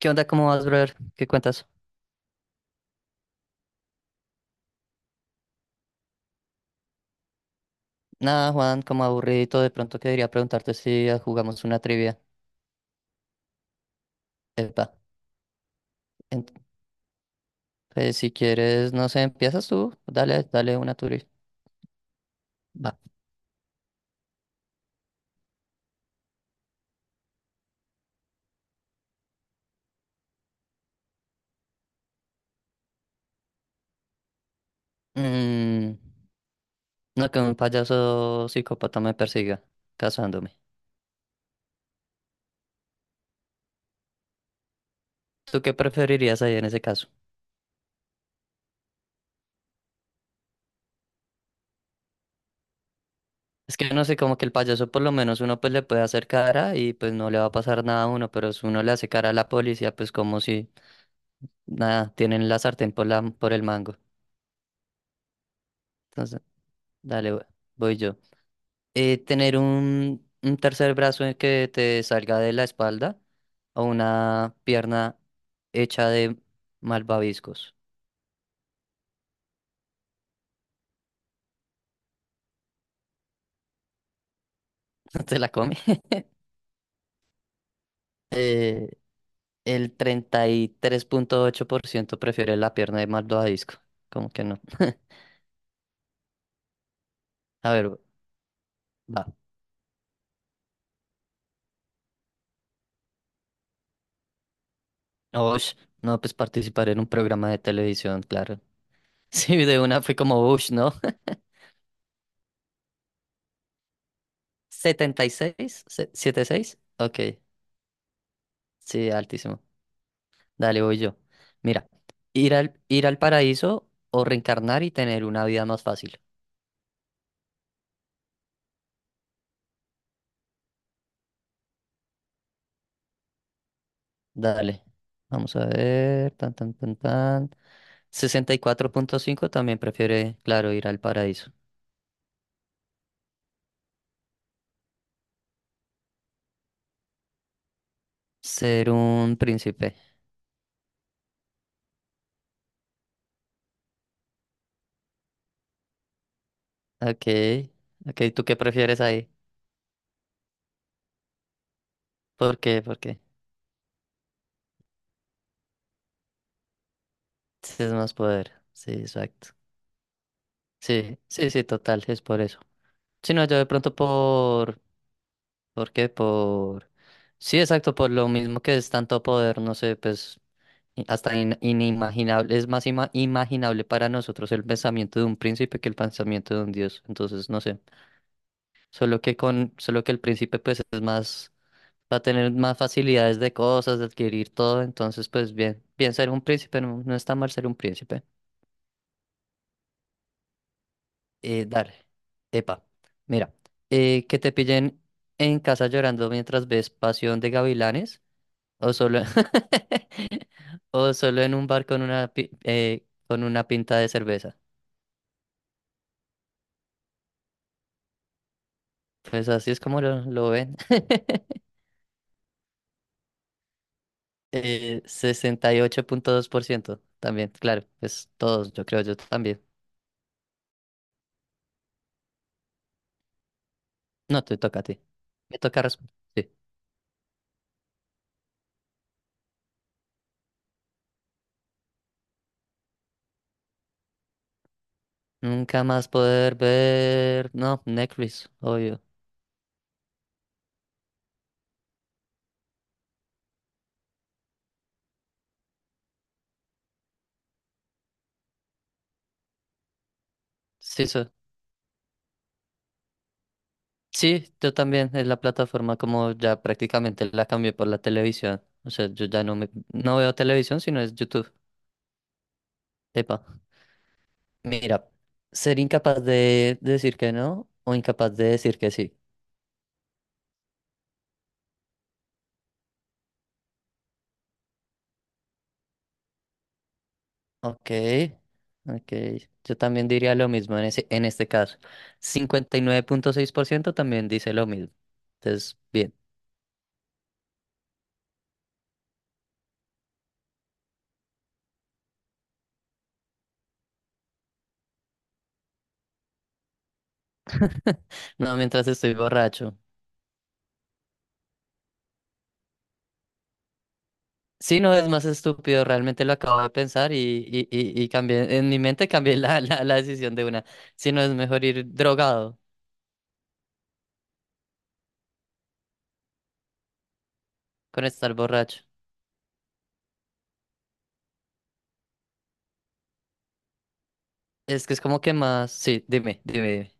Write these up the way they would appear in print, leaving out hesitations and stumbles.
¿Qué onda? ¿Cómo vas, brother? ¿Qué cuentas? Nada, Juan, como aburridito, de pronto quería preguntarte si jugamos una trivia. Epa, ent- pues, si quieres, no sé, empiezas tú, dale, dale una tuya. Va. Mm, no, que un payaso psicópata me persiga, casándome. ¿Tú qué preferirías ahí en ese caso? Es que no sé, como que el payaso por lo menos uno pues le puede hacer cara y pues no le va a pasar nada a uno, pero si uno le hace cara a la policía, pues como si nada, tienen la sartén por la, por el mango. Entonces, dale, voy yo. Tener un tercer brazo en que te salga de la espalda o una pierna hecha de malvaviscos. ¿No? ¿Te la come? Eh, el 33,8% prefiere la pierna de malvavisco. ¿Como que no? A ver, va. Ush, no, pues participar en un programa de televisión, claro. Sí, de una fue como Ush, ¿no? 76, seis, ok, sí, altísimo. Dale, voy yo. Mira, ir al paraíso o reencarnar y tener una vida más fácil. Dale. Vamos a ver. Tan, tan, tan, tan. 64,5 también prefiere, claro, ir al paraíso. Ser un príncipe. Ok. Ok, ¿tú qué prefieres ahí? ¿Por qué? ¿Por qué? Sí, es más poder. Sí, exacto. Sí, sí, sí, total, es por eso. Si no, yo de pronto por... ¿Por qué? Por... Sí, exacto, por lo mismo que es tanto poder, no sé, pues hasta inimaginable, es más imaginable para nosotros el pensamiento de un príncipe que el pensamiento de un dios. Entonces, no sé, solo que el príncipe pues es más, va a tener más facilidades de cosas, de adquirir todo, entonces pues bien, bien ser un príncipe, no, no está mal ser un príncipe. Dale, epa, mira, que te pillen en casa llorando mientras ves Pasión de Gavilanes. O solo, o solo en un bar con una, con una pinta de cerveza. Pues así es como lo ven. 68,2% también, claro, pues todos, yo creo, yo también. No, te toca a ti. Me toca responder. Sí. Nunca más poder ver. No, Netflix, obvio. Sí, sí, yo también. Es la plataforma como ya prácticamente la cambié por la televisión. O sea, yo ya no veo televisión, sino es YouTube. Epa. Mira, ser incapaz de decir que no o incapaz de decir que sí. Ok, ok. Yo también diría lo mismo en en este caso. 59,6% también dice lo mismo. Entonces, bien. No, mientras estoy borracho. Sí, no, es más estúpido, realmente lo acabo de pensar y, y cambié, en mi mente cambié la decisión de una. Si no, es mejor ir drogado con estar borracho. Es que es como que más, sí, dime, dime.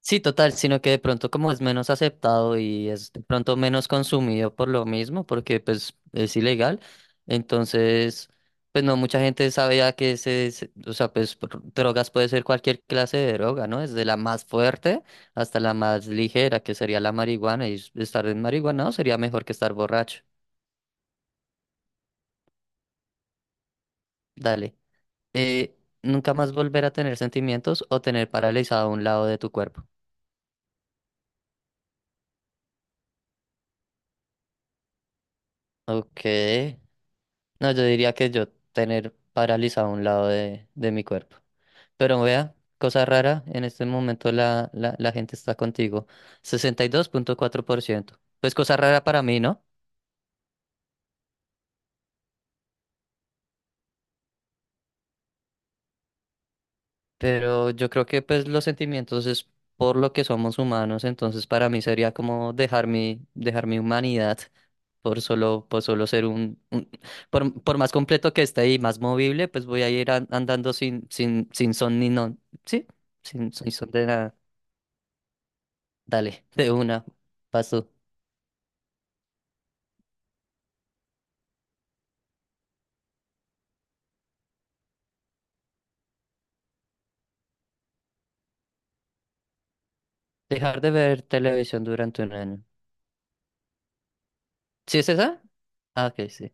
Sí, total, sino que de pronto como es menos aceptado y es de pronto menos consumido por lo mismo, porque pues es ilegal, entonces pues no mucha gente sabía que o sea, pues drogas puede ser cualquier clase de droga, ¿no? Desde la más fuerte hasta la más ligera, que sería la marihuana, y estar en marihuana sería mejor que estar borracho. Dale. Eh, Nunca más volver a tener sentimientos o tener paralizado un lado de tu cuerpo. Ok. No, yo diría que yo tener paralizado un lado de mi cuerpo. Pero vea, cosa rara, en este momento la gente está contigo. 62,4%. Pues cosa rara para mí, ¿no? Pero yo creo que pues los sentimientos es por lo que somos humanos, entonces para mí sería como dejar mi humanidad por solo ser un, por más completo que esté y más movible, pues voy a ir andando sin, sin son ni no, sí, sin son de nada. Dale, de una. Paso. Dejar de ver televisión durante un año. ¿Sí es esa? Ah, ok, sí.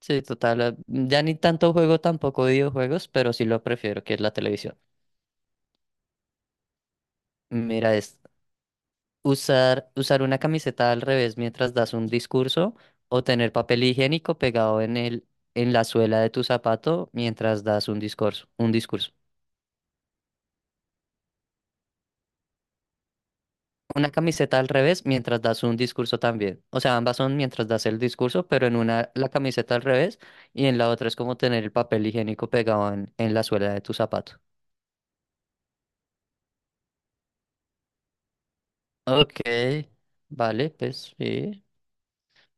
Sí, total. Ya ni tanto juego tampoco videojuegos, pero sí lo prefiero, que es la televisión. Mira, es usar una camiseta al revés mientras das un discurso o tener papel higiénico pegado en en la suela de tu zapato mientras das un discurso. Una camiseta al revés mientras das un discurso también. O sea, ambas son mientras das el discurso, pero en una la camiseta al revés y en la otra es como tener el papel higiénico pegado en la suela de tu zapato. Ok, vale, pues sí.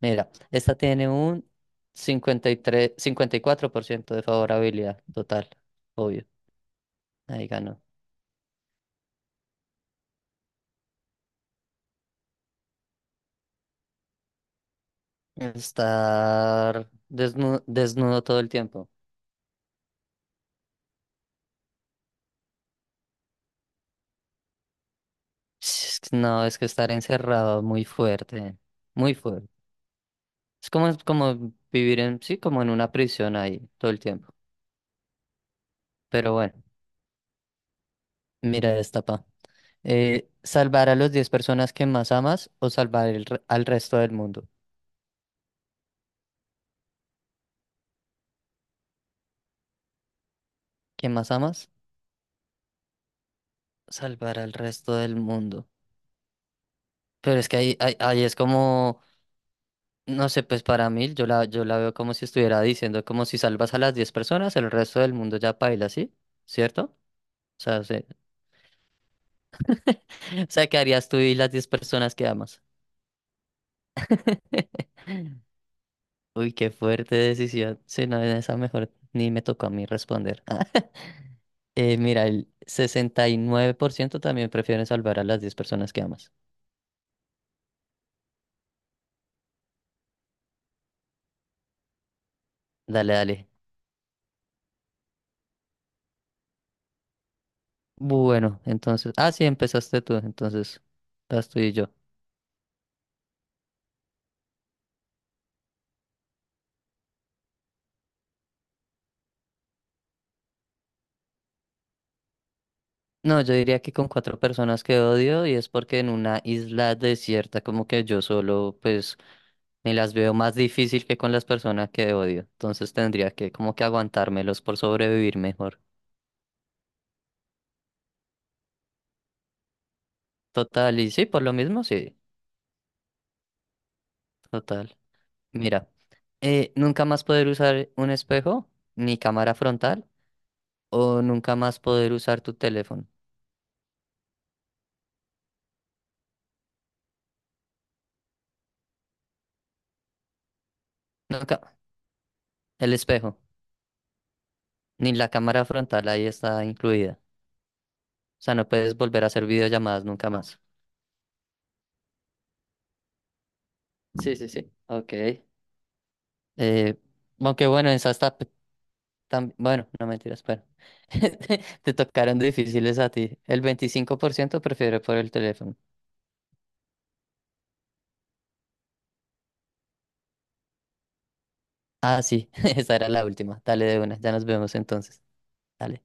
Mira, esta tiene un 54% de favorabilidad total, obvio. Ahí ganó. Estar desnudo, todo el tiempo. Es que No, es que estar encerrado muy fuerte, muy fuerte. Es como vivir en, sí, como en una prisión ahí todo el tiempo. Pero bueno, mira esta, pa. ¿Salvar a las 10 personas que más amas o salvar al resto del mundo? ¿Que más amas? Salvar al resto del mundo. Pero es que ahí es como, no sé, pues para mí yo la veo como si estuviera diciendo como si salvas a las 10 personas, el resto del mundo ya paila, ¿sí? ¿Cierto? O sea, se- o sea, ¿qué harías tú y las 10 personas que amas? Uy, qué fuerte decisión. Si no, en esa mejor ni me tocó a mí responder. Mira, el 69% también prefieren salvar a las 10 personas que amas. Dale, dale. Bueno, entonces. Ah, sí, empezaste tú. Entonces, vas tú y yo. No, yo diría que con cuatro personas que odio y es porque en una isla desierta, como que yo solo, pues, me las veo más difícil que con las personas que odio. Entonces tendría que, como que aguantármelos por sobrevivir mejor. Total, y sí, por lo mismo, sí. Total. Mira, nunca más poder usar un espejo ni cámara frontal o nunca más poder usar tu teléfono. Nunca, el espejo ni la cámara frontal ahí está incluida. O sea, no puedes volver a hacer videollamadas nunca más. Sí, sí, sí. Ok. Eh, Aunque bueno, esa está... Bueno, no mentiras, pero te tocaron difíciles a ti. El 25% prefiere por el teléfono. Ah, sí, esa era la última. Dale de una, ya nos vemos entonces. Dale.